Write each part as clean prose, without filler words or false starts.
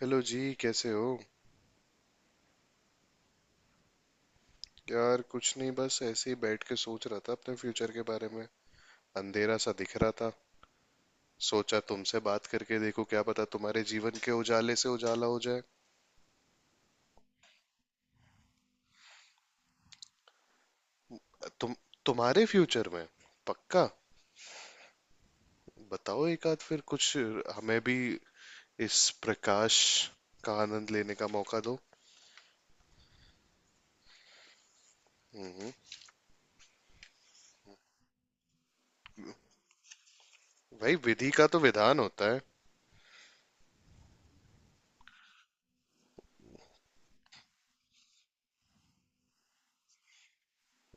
Hello जी। कैसे हो? यार कुछ नहीं, बस ऐसे ही बैठ के सोच रहा था अपने फ्यूचर के बारे में। अंधेरा सा दिख रहा था। सोचा तुमसे बात करके देखो, क्या पता तुम्हारे जीवन के उजाले से उजाला हो जाए। तुम तुम्हारे फ्यूचर में? पक्का? बताओ एक आध फिर कुछ, हमें भी इस प्रकाश का आनंद लेने का मौका दो। हम्म। भाई विधि का तो विधान होता है।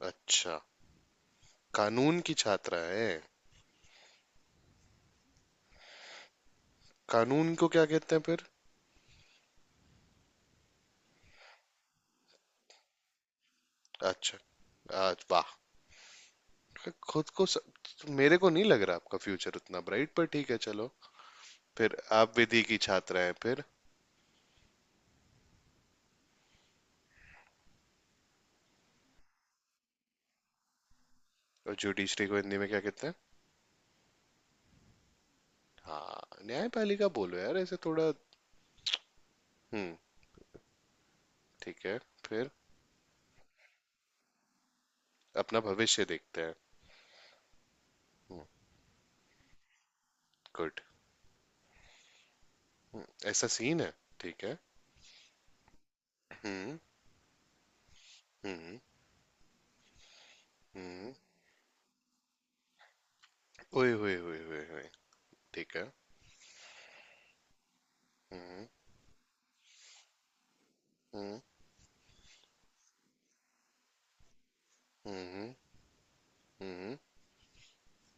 अच्छा। कानून की छात्रा है। कानून को क्या कहते हैं फिर? अच्छा। आज वाह। खुद को स... मेरे को नहीं लग रहा आपका फ्यूचर उतना ब्राइट, पर ठीक है, चलो। फिर आप विधि की छात्रा हैं फिर? और जुडिशरी को हिंदी में क्या कहते हैं? हाँ। न्यायपालिका बोलो यार, ऐसे थोड़ा। हम्म। ठीक है। फिर? अपना भविष्य देखते हैं। गुड। ऐसा सीन है? ठीक है। हम्म। हम्म। हम्म। ओए ओए ओए ओए ओए। ठीक है। हम्म। हम्म। हम्म। हम्म।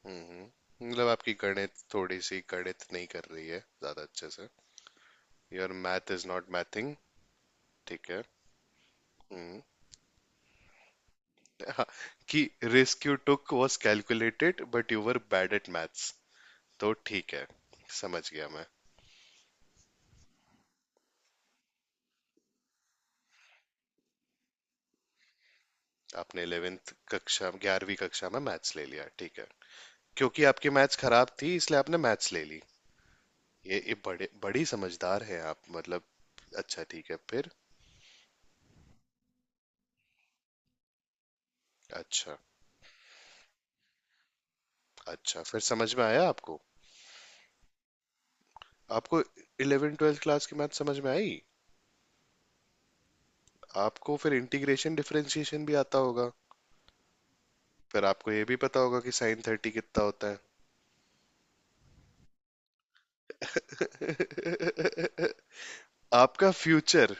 हम्म। मतलब आपकी गणित थोड़ी सी गणित नहीं कर रही है ज्यादा अच्छे से? Your math is not mathing. ठीक है। Mm. कि risk you took was calculated but you were bad at maths. तो ठीक है, समझ गया मैं। आपने 11th कक्षा, 11वीं कक्षा में मैथ्स ले लिया, ठीक है। क्योंकि आपकी मैथ्स खराब थी इसलिए आपने मैथ्स ले ली। ये बड़े बड़ी समझदार हैं आप मतलब। अच्छा, ठीक है फिर। अच्छा। अच्छा फिर समझ में आया आपको? आपको 11 ट्वेल्थ क्लास की मैथ समझ में आई? आपको फिर इंटीग्रेशन डिफरेंशिएशन भी आता होगा। फिर आपको ये भी पता होगा कि साइन थर्टी कितना होता है? आपका फ्यूचर,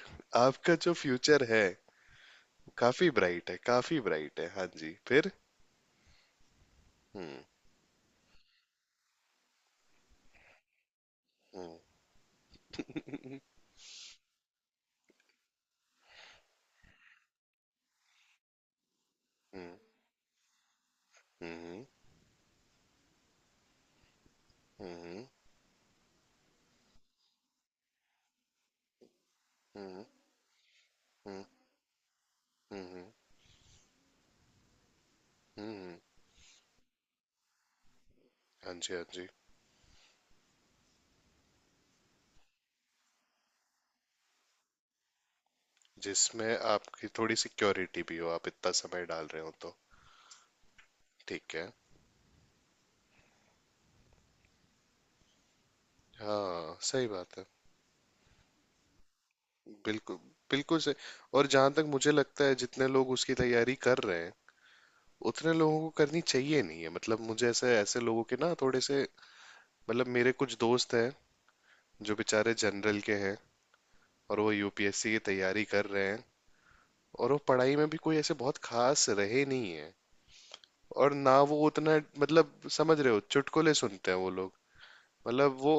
आपका जो फ्यूचर है, काफी ब्राइट है, काफी ब्राइट है। हाँ जी फिर। हम्म। हम्म। हम्म। हम्म। हम्म। हम्म। हम्म। हम्म। हम्म, हाँ जी हाँ जी। जिसमें आपकी थोड़ी सिक्योरिटी भी हो, आप इतना समय डाल रहे हो तो। ठीक है। हाँ सही बात है। बिल्कुल। बिल्कुल सही। और जहां तक मुझे लगता है, जितने लोग उसकी तैयारी कर रहे हैं उतने लोगों को करनी चाहिए नहीं है। मतलब मुझे ऐसे ऐसे लोगों के ना थोड़े से, मतलब मेरे कुछ दोस्त हैं जो बेचारे जनरल के हैं, और वो UPSC की तैयारी कर रहे हैं, और वो पढ़ाई में भी कोई ऐसे बहुत खास रहे नहीं है, और ना वो उतना मतलब समझ रहे हो, चुटकुले सुनते हैं वो लोग, मतलब वो,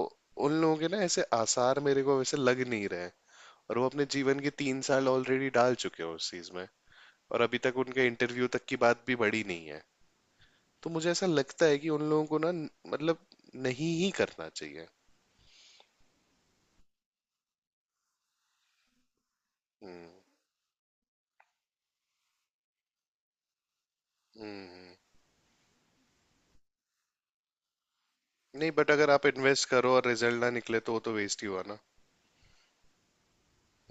उन लोगों के ना ऐसे आसार मेरे को वैसे लग नहीं रहे। और वो अपने जीवन के 3 साल ऑलरेडी डाल चुके हैं उस चीज में, और अभी तक उनके इंटरव्यू तक की बात भी बढ़ी नहीं है। तो मुझे ऐसा लगता है कि उन लोगों को ना, मतलब, नहीं ही करना चाहिए। हम्म। हम्म। हम्म। नहीं बट अगर आप इन्वेस्ट करो और रिजल्ट ना निकले तो वो तो वेस्ट ही हुआ ना।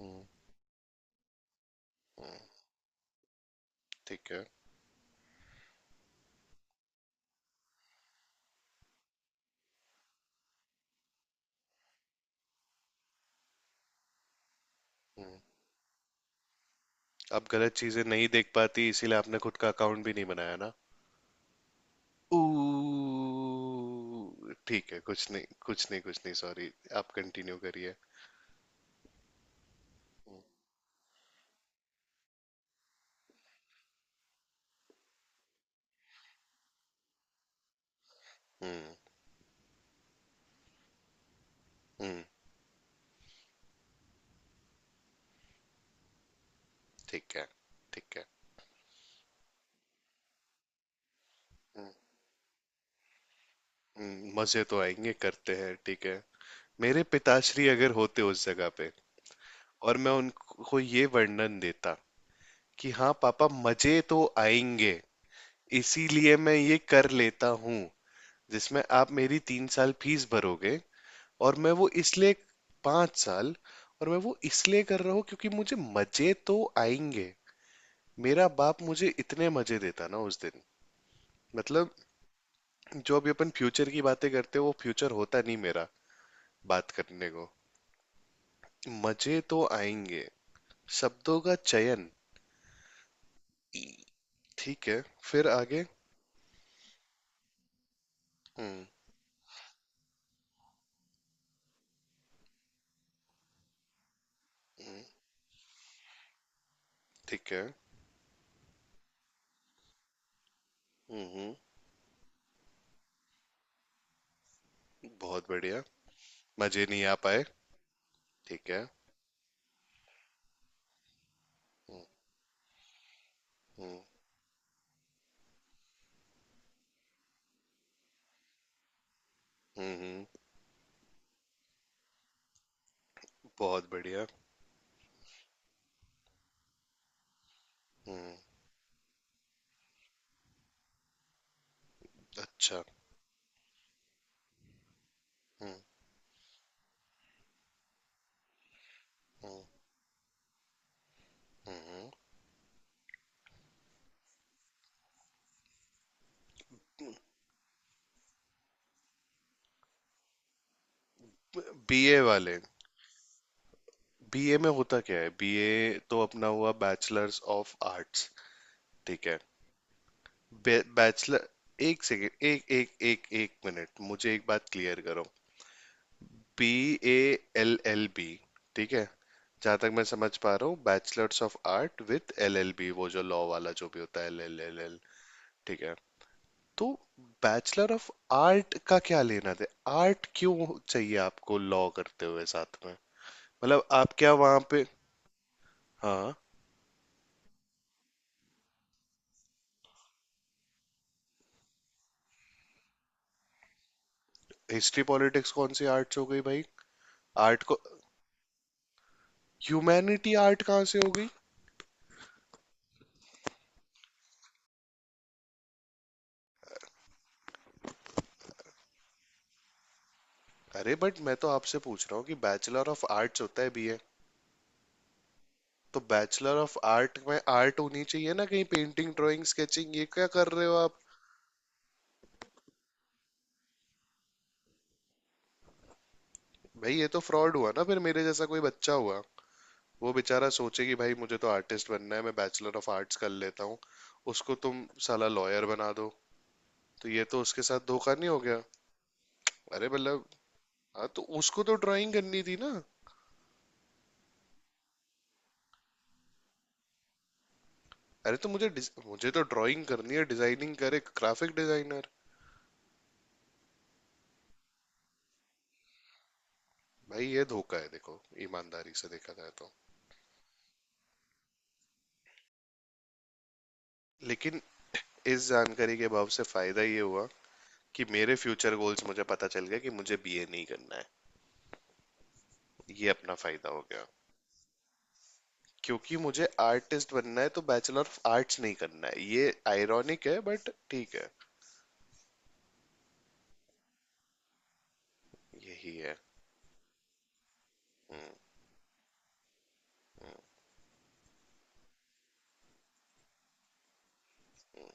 हम्म। हम्म, ठीक है। हम्म। आप गलत चीजें नहीं देख पाती इसीलिए आपने खुद का अकाउंट भी नहीं बनाया ना? ठीक है, कुछ नहीं कुछ नहीं कुछ नहीं, सॉरी। आप कंटिन्यू करिए। हम्म। हम्म। हम्म, ठीक है। ठीक है। मजे तो आएंगे करते हैं, ठीक है। मेरे पिताश्री अगर होते उस जगह पे, और मैं उनको ये वर्णन देता कि हाँ पापा मजे तो आएंगे, इसीलिए मैं ये कर लेता हूँ जिसमें आप मेरी 3 साल फीस भरोगे, और मैं वो इसलिए, 5 साल, और मैं वो इसलिए कर रहा हूँ क्योंकि मुझे मजे तो आएंगे। मेरा बाप मुझे इतने मजे देता ना उस दिन, मतलब, जो अभी अपन फ्यूचर की बातें करते हैं वो फ्यूचर होता नहीं मेरा, बात करने को, मजे तो आएंगे। शब्दों का चयन। ठीक है, फिर आगे। हम्म। ठीक है। हम्म। बहुत बढ़िया। मजे नहीं आ पाए। ठीक है। हम्म। हम्म। हुँ, बहुत बढ़िया। हुँ, अच्छा। हुँ। हुँ। हुँ। बीए वाले, BA में होता क्या है? बीए तो अपना हुआ बैचलर्स ऑफ आर्ट्स, ठीक है। बैचलर। एक सेकेंड, एक एक एक एक मिनट, मुझे एक बात क्लियर करो। BALLB, ठीक है? जहाँ तक मैं समझ पा रहा हूँ, bachelors of art with LLB, वो जो लॉ वाला जो भी होता है, LLLL, ठीक है? तो बैचलर ऑफ आर्ट का क्या लेना दे, आर्ट क्यों चाहिए आपको लॉ करते हुए साथ में? मतलब आप क्या वहां पे? हाँ। हिस्ट्री पॉलिटिक्स कौन सी आर्ट्स हो गई भाई? आर्ट को ह्यूमैनिटी, आर्ट कहाँ से हो गई? अरे बट मैं तो आपसे पूछ रहा हूँ कि बैचलर ऑफ आर्ट्स होता है BA, तो बैचलर ऑफ आर्ट में आर्ट होनी चाहिए ना कहीं, पेंटिंग ड्राइंग स्केचिंग, ये क्या कर रहे हो आप? भाई ये तो फ्रॉड हुआ ना, फिर मेरे जैसा कोई बच्चा हुआ, वो बेचारा सोचे कि भाई मुझे तो आर्टिस्ट बनना है, मैं बैचलर ऑफ आर्ट्स कर लेता हूँ, उसको तुम साला लॉयर बना दो, तो ये तो उसके साथ धोखा नहीं हो गया? अरे मतलब, हाँ तो उसको तो ड्राइंग करनी थी ना। अरे तो मुझे तो ड्राइंग करनी है, डिजाइनिंग करे ग्राफिक डिजाइनर। भाई ये धोखा है देखो, ईमानदारी से देखा जाए तो। लेकिन इस जानकारी के अभाव से फायदा ये हुआ कि मेरे फ्यूचर गोल्स मुझे पता चल गया कि मुझे BA नहीं करना है, ये अपना फायदा हो गया। क्योंकि मुझे आर्टिस्ट बनना है तो बैचलर ऑफ आर्ट्स नहीं करना है, ये आयरॉनिक है बट ठीक है। यही है। हम्म। हम्म। हम्म।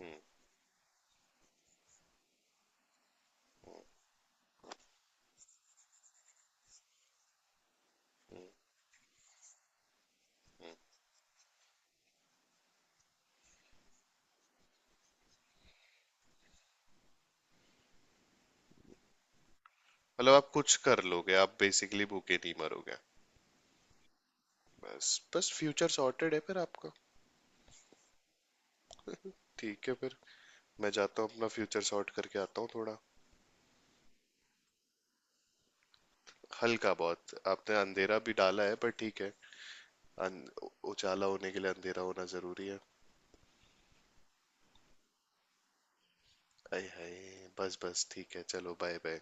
हम्म। हम्म। हम्म। मतलब आप कुछ कर लोगे, आप बेसिकली भूखे नहीं मरोगे। बस, बस फ्यूचर सॉर्टेड है फिर आपका। ठीक है फिर, मैं जाता हूँ अपना फ्यूचर सॉर्ट करके आता हूँ थोड़ा। हल्का, बहुत आपने अंधेरा भी डाला है, पर ठीक है। अन- उजाला होने के लिए अंधेरा होना जरूरी है। आय हाय, बस बस, ठीक है, चलो, बाय बाय।